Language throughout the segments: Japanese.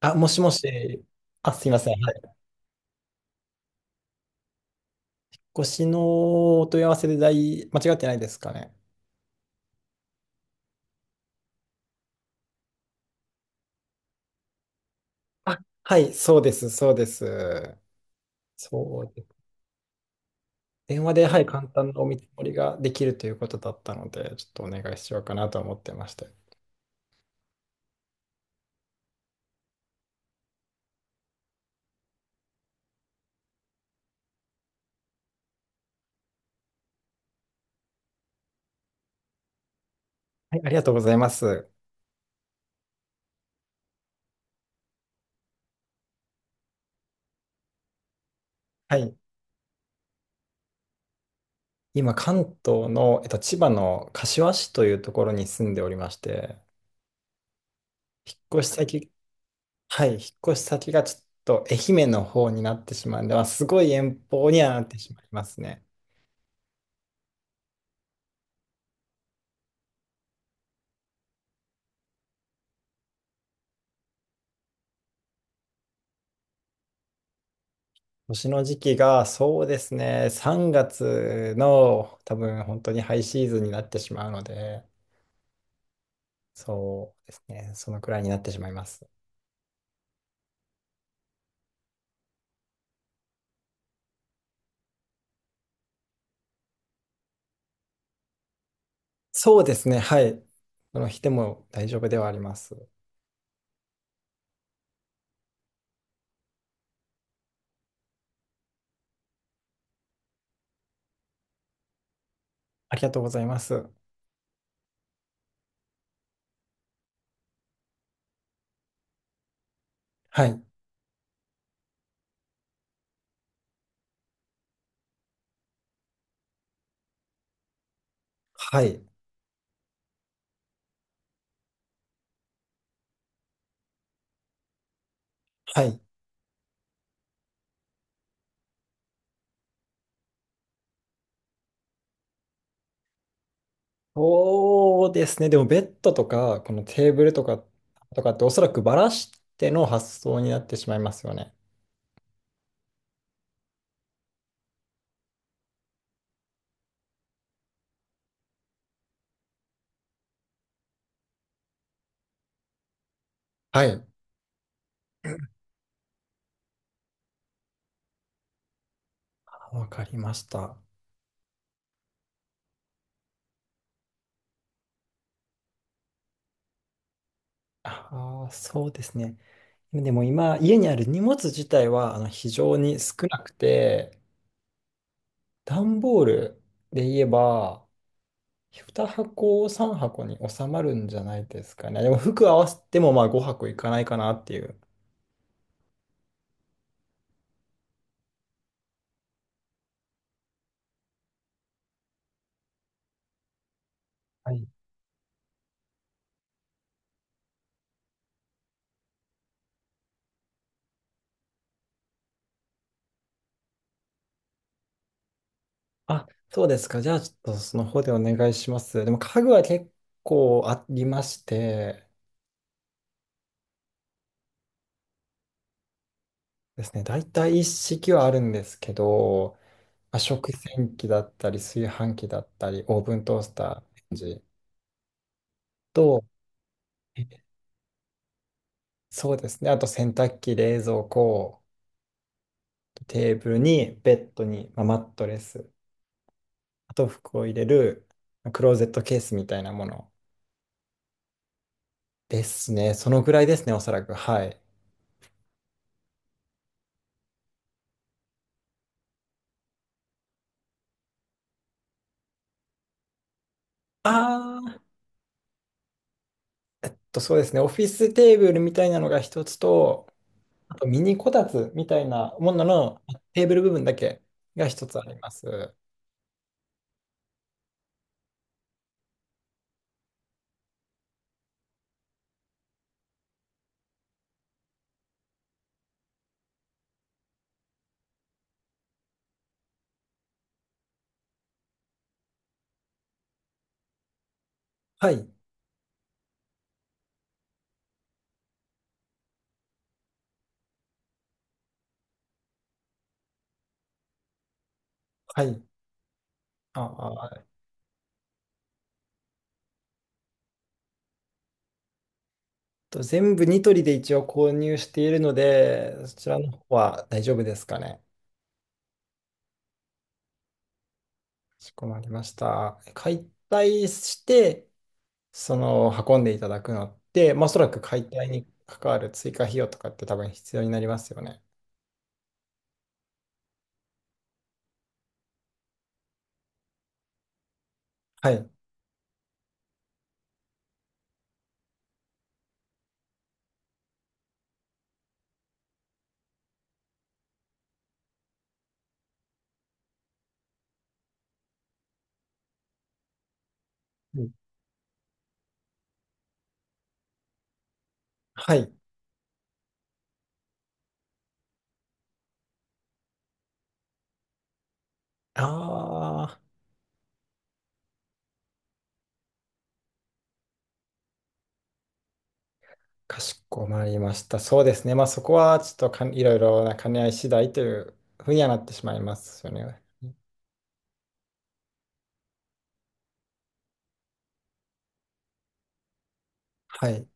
あ、もしもし。あ、すいません。はい。ごしのお問い合わせで間違ってないですかね。あ、はい、そうです、そうです。そうです。電話で、はい、簡単なお見積もりができるということだったので、ちょっとお願いしようかなと思ってまして。はい、ありがとうございます。はい。今、関東の、千葉の柏市というところに住んでおりまして、引っ越し先、はい、引っ越し先がちょっと愛媛の方になってしまうんで、まあ、すごい遠方にはなってしまいますね。年の時期が、そうですね、3月の多分本当にハイシーズンになってしまうので、そうですね、そのくらいになってしまいます。そうですね、はい。その日でも大丈夫ではあります。ありがとうございます。はい、はい、はい。そうですね。でもベッドとか、このテーブルとかっておそらくバラしての発想になってしまいますよね。はい。あわかりました。ああ、そうですね。でも今、家にある荷物自体は非常に少なくて、段ボールで言えば、2箱、3箱に収まるんじゃないですかね。でも服合わせてもまあ5箱いかないかなっていう。あ、そうですか。じゃあ、ちょっとその方でお願いします。でも、家具は結構ありましてですね、大体一式はあるんですけど、まあ、食洗機だったり、炊飯器だったり、オーブントースター、レンジと、えそうですね、あと洗濯機、冷蔵庫、テーブルに、ベッドに、まあ、マットレス、あと服を入れる、まあクローゼットケースみたいなものですね。そのぐらいですね、おそらく。はい。あと、そうですね、オフィステーブルみたいなのが一つと、あとミニこたつみたいなもののテーブル部分だけが一つあります。はい、はい。ああ、全部ニトリで一応購入しているので、そちらの方は大丈夫ですかね。かしこまりました。解体して、その運んでいただくのって、まあ、おそらく解体に関わる追加費用とかって多分必要になりますよね。はい。うん、はい。ああ。かしこまりました。そうですね。まあそこはちょっといろいろな兼ね合い次第というふうにはなってしまいますよね。はい。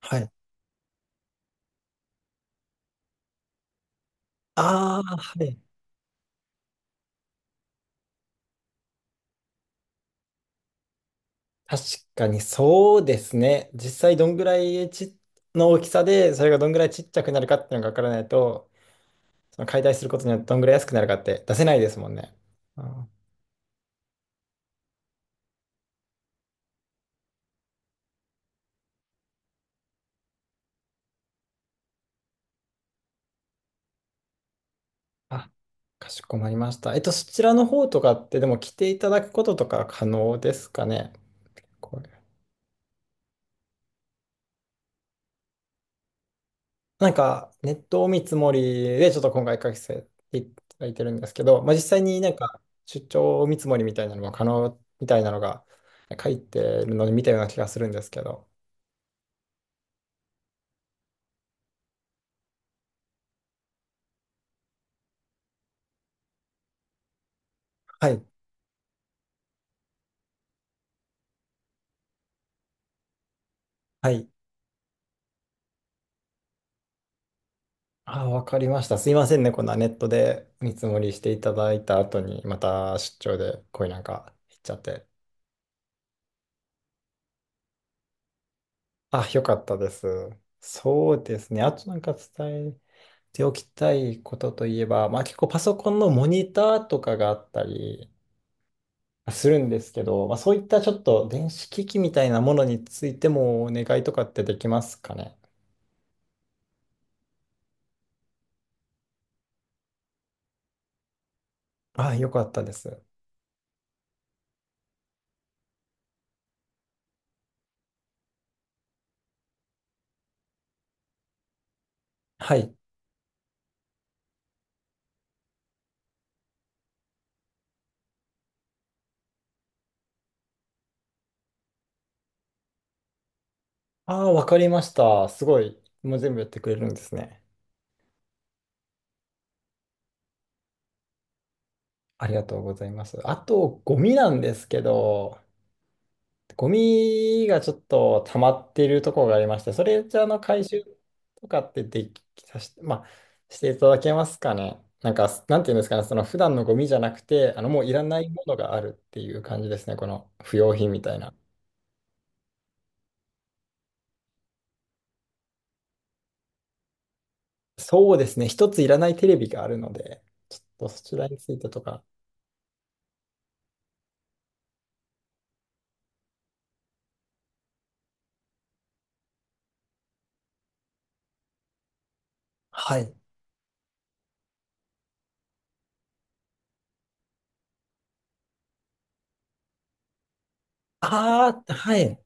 はい。ああ、はい。確かにそうですね。実際どんぐらいの大きさで、それがどんぐらいちっちゃくなるかっていうのがわからないと、その解体することによってどんぐらい安くなるかって出せないですもんね。あー、あかしこまりました。そちらの方とかってでも来ていただくこととか可能ですかね。これなんか、ネットを見積もりで、ちょっと今回書かせていただいてるんですけど、まあ、実際になんか、出張見積もりみたいなのも可能みたいなのが書いてるので見たような気がするんですけど。はい。はい。あわかりました。すいませんね。こんなネットで見積もりしていただいた後に、また出張でこういうなんか行っちゃって。あ、よかったです。そうですね。あとなんか伝えておきたいことといえば、まあ結構パソコンのモニターとかがあったりするんですけど、まあ、そういったちょっと電子機器みたいなものについてもお願いとかってできますかね。ああ、よかったです。はい。ああ、わかりました。すごい。もう全部やってくれるんですね。ありがとうございます。あと、ゴミなんですけど、ゴミがちょっと溜まってるところがありまして、それじゃあの回収とかってできさし、まあ、していただけますかね。なんか、なんていうんですかね、その普段のゴミじゃなくて、もういらないものがあるっていう感じですね、この不用品みたいな。そうですね、一ついらないテレビがあるので、ちょっとそちらについてとか。はい。ああ、はい。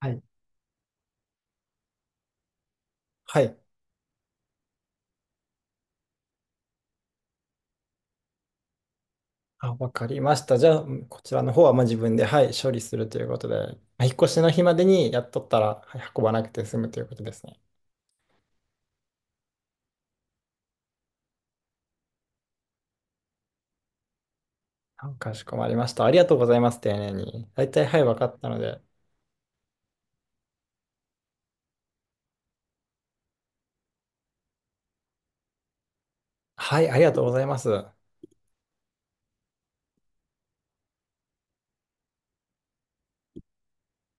はい。はい、あ、わかりました。じゃあ、こちらの方はまあ自分で、はい、処理するということで、まあ引っ越しの日までにやっとったら、はい、運ばなくて済むということですね。あかしこまりました。ありがとうございます、丁寧に。大体、はい、わかったので。はい、ありがとうございます。